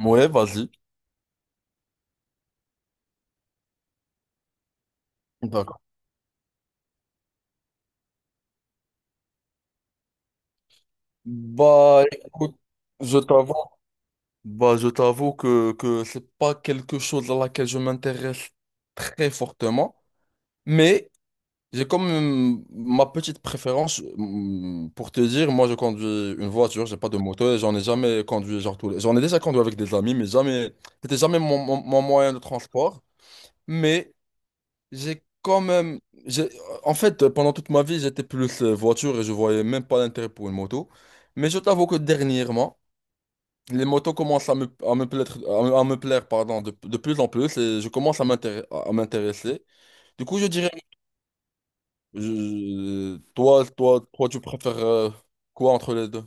Ouais, vas-y. D'accord. Bah, écoute, je t'avoue, bah, je t'avoue que c'est pas quelque chose à laquelle je m'intéresse très fortement, mais j'ai quand même ma petite préférence. Pour te dire, moi, je conduis une voiture, j'ai pas de moto et j'en ai jamais conduit, genre tous les... J'en ai déjà conduit avec des amis, mais jamais, c'était jamais mon moyen de transport, mais j'ai quand même. j'ai- En fait, pendant toute ma vie, j'étais plus voiture et je voyais même pas l'intérêt pour une moto. Mais je t'avoue que dernièrement, les motos commencent à me plaire, à me plaire, pardon, de plus en plus et je commence à m'intéresser. À m'intéresser. Du coup, je dirais. Toi, tu préfères quoi entre les deux?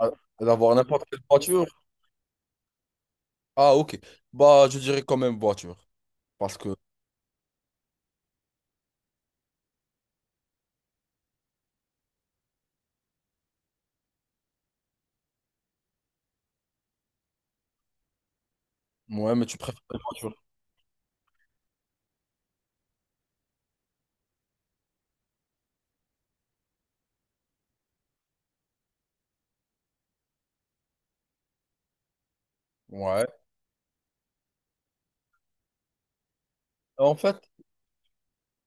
Ah, d'avoir n'importe quelle voiture? Ah, ok. Bah, je dirais quand même voiture. Parce que. Ouais, mais tu préfères les voitures. Ouais. En fait,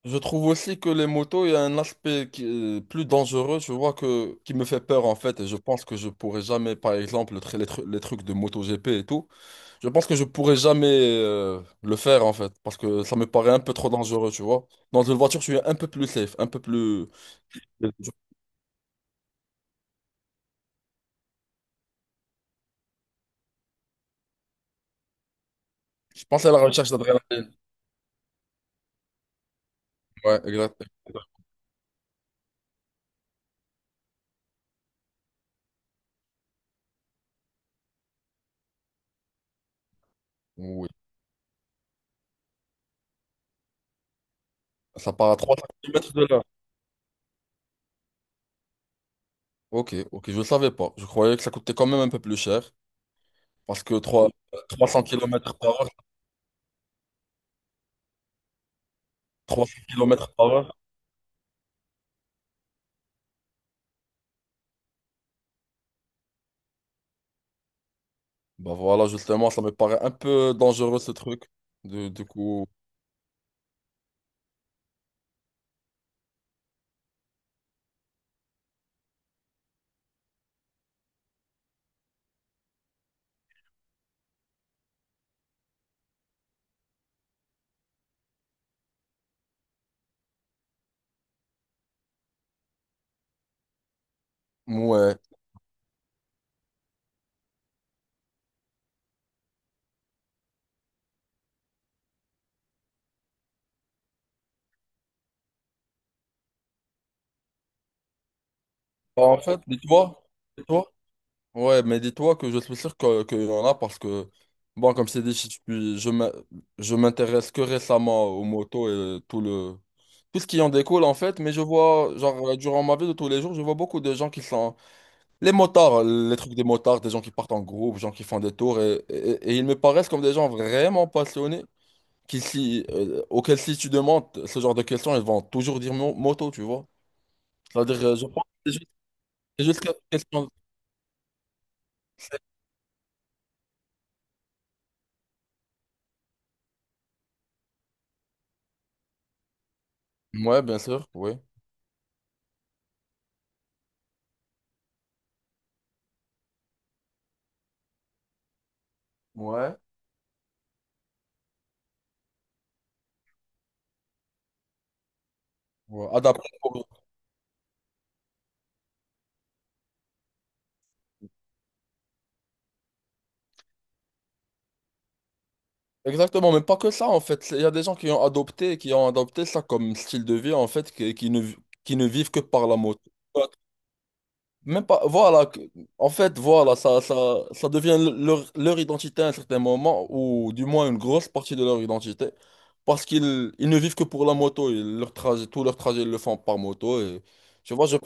je trouve aussi que les motos, il y a un aspect qui est plus dangereux, je vois que qui me fait peur en fait, et je pense que je pourrais jamais, par exemple, le tr- les, tru- les trucs de MotoGP et tout, je pense que je pourrais jamais le faire en fait, parce que ça me paraît un peu trop dangereux, tu vois. Dans une voiture, je suis un peu plus safe, un peu plus. Je, je pense à la recherche d'adrénaline. Ouais, exact. Oui. Ça part à 300 kilomètres de là. Ok, ok, je savais pas. Je croyais que ça coûtait quand même un peu plus cher, parce que 3 300 kilomètres par heure, 300 kilomètres par heure. Bah voilà, justement, ça me paraît un peu dangereux ce truc. Du coup, ouais. Bah, en fait, dis-toi, ouais, mais dis-toi que je suis sûr qu'il y en a parce que, bon, comme c'est dit, je m'intéresse que récemment aux motos et tout ce qui en découle en fait, mais je vois, genre, durant ma vie de tous les jours, je vois beaucoup de gens qui sont, les motards, les trucs des motards, des gens qui partent en groupe, des gens qui font des tours et ils me paraissent comme des gens vraiment passionnés qui, si, auquel si tu demandes ce genre de questions, ils vont toujours dire moto, tu vois. C'est-à-dire, je pense que c'est juste, question. Ouais, bien sûr, oui. Ouais. Ouais, adapté. Exactement, mais pas que ça, en fait. Il y a des gens qui ont adopté ça comme style de vie, en fait, qui ne vivent que par la moto. Même pas, voilà, en fait, voilà, ça devient leur identité à un certain moment, ou du moins une grosse partie de leur identité, parce qu'ils ils ne vivent que pour la moto, et leur trajet, tout leur trajet, ils le font par moto, et tu vois, je,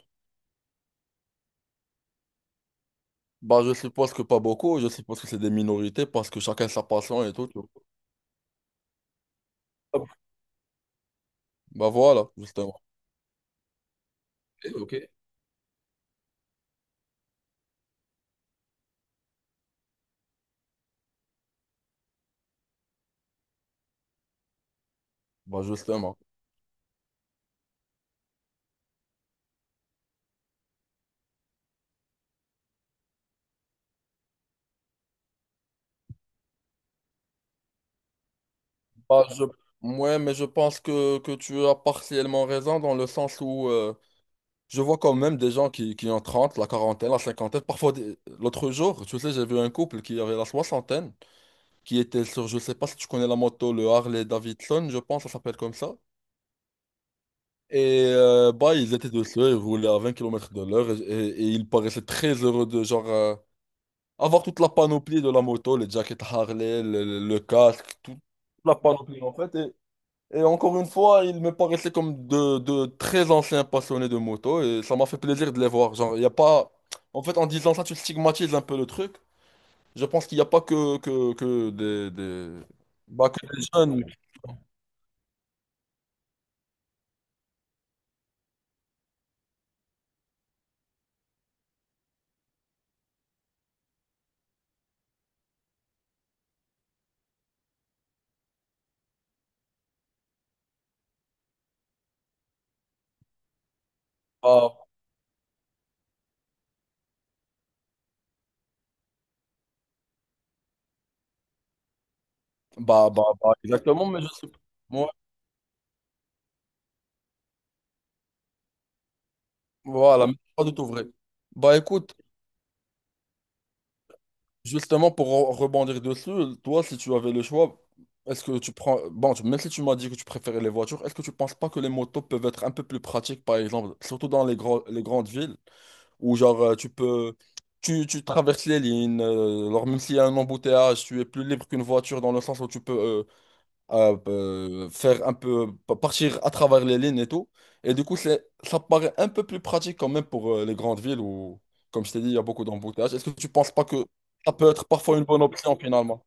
bah, je suppose que pas beaucoup, je suppose que c'est des minorités, parce que chacun sa passion et tout, tu vois. Hop. Bah voilà, justement. Ok, ok. Bah justement. Bah, je... Ouais, mais je pense que tu as partiellement raison dans le sens où je vois quand même des gens qui ont 30 la quarantaine, la cinquantaine. Parfois, l'autre jour, tu sais, j'ai vu un couple qui avait la soixantaine, qui était sur, je sais pas si tu connais la moto, le Harley Davidson, je pense, ça s'appelle comme ça. Et bah, ils étaient dessus, ils roulaient à 20 kilomètres de l'heure et ils paraissaient très heureux de genre avoir toute la panoplie de la moto, les jackets Harley, le casque, toute la panoplie en fait. Et encore une fois, ils me paraissaient comme de très anciens passionnés de moto et ça m'a fait plaisir de les voir. Genre, il y a pas... En fait, en disant ça, tu stigmatises un peu le truc. Je pense qu'il n'y a pas des- bah, que des jeunes. Bah, bah, exactement, mais je sais pas. Ouais, voilà, mais c'est pas du tout vrai. Bah écoute, justement, pour rebondir dessus, toi, si tu avais le choix, est-ce que tu prends... Bon, même si tu m'as dit que tu préférais les voitures, est-ce que tu penses pas que les motos peuvent être un peu plus pratiques, par exemple, surtout dans les grandes villes, où genre tu peux... tu traverses les lignes, alors même s'il y a un embouteillage, tu es plus libre qu'une voiture dans le sens où tu peux à faire un peu partir à travers les lignes et tout. Et du coup, ça paraît un peu plus pratique quand même pour les grandes villes où, comme je t'ai dit, il y a beaucoup d'embouteillages. Est-ce que tu penses pas que ça peut être parfois une bonne option finalement?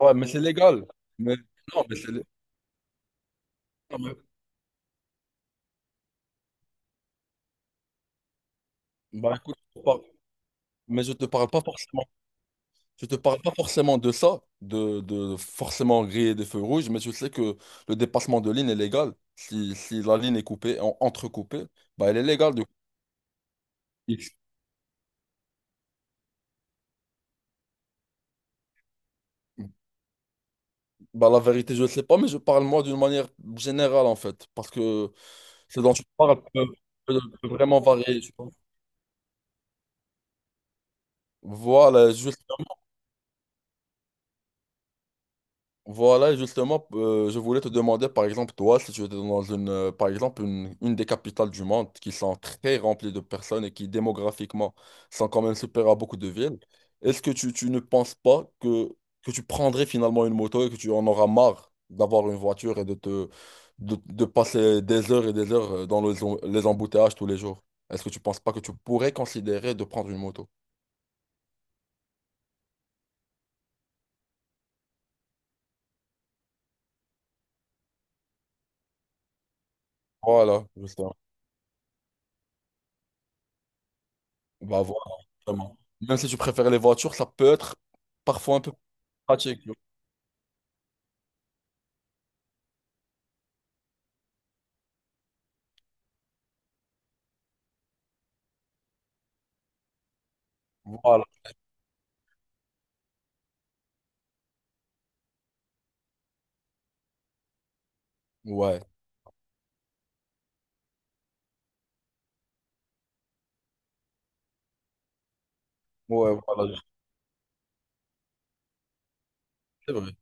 Ouais, mais c'est légal. Mais non, mais non, bah, écoute, mais je te parle pas forcément. Je te parle pas forcément de ça, de forcément griller des feux rouges, mais je sais que le dépassement de ligne est légal. Si, si la ligne est coupée, entrecoupée, bah elle est légale du coup. Bah, la vérité, je ne sais pas, mais je parle moi d'une manière générale en fait, parce que ce dont tu parles peut vraiment varier. Tu vois. Voilà, juste voilà, justement, je voulais te demander, par exemple, toi, si tu étais dans une, par exemple, une des capitales du monde qui sont très remplies de personnes et qui, démographiquement, sont quand même supérieures à beaucoup de villes, est-ce que tu ne penses pas que, que tu prendrais finalement une moto et que tu en auras marre d'avoir une voiture et de de passer des heures et des heures dans les embouteillages tous les jours? Est-ce que tu penses pas que tu pourrais considérer de prendre une moto? Voilà, justement. Bah voilà, vraiment. Même si tu préfères les voitures, ça peut être parfois un peu plus pratique. Voilà. Ouais. Ouais, voilà. C'est vrai.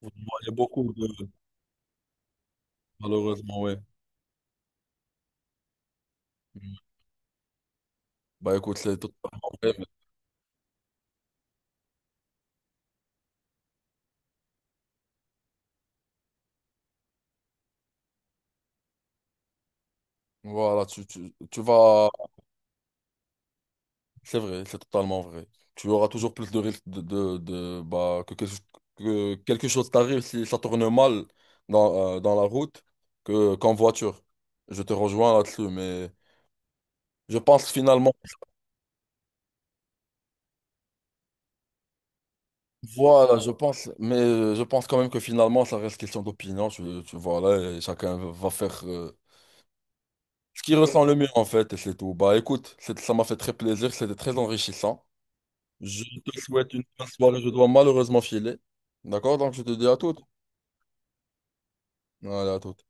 Vous voyez beaucoup de... Malheureusement, ouais. Bah écoute, c'est totalement vrai, mais voilà, tu vas... C'est vrai, c'est totalement vrai. Tu auras toujours plus de risques bah, que quelque chose t'arrive si ça tourne mal dans, dans la route que, qu'en voiture. Je te rejoins là-dessus, mais je pense finalement... Voilà, je pense, mais je pense quand même que finalement, ça reste question d'opinion. Tu vois, là, et chacun va faire ce qu'il ressent le mieux, en fait, et c'est tout. Bah écoute, ça m'a fait très plaisir, c'était très enrichissant. Je te souhaite une bonne soirée, je dois malheureusement filer. D'accord? Donc, je te dis à toutes. Allez, à toutes.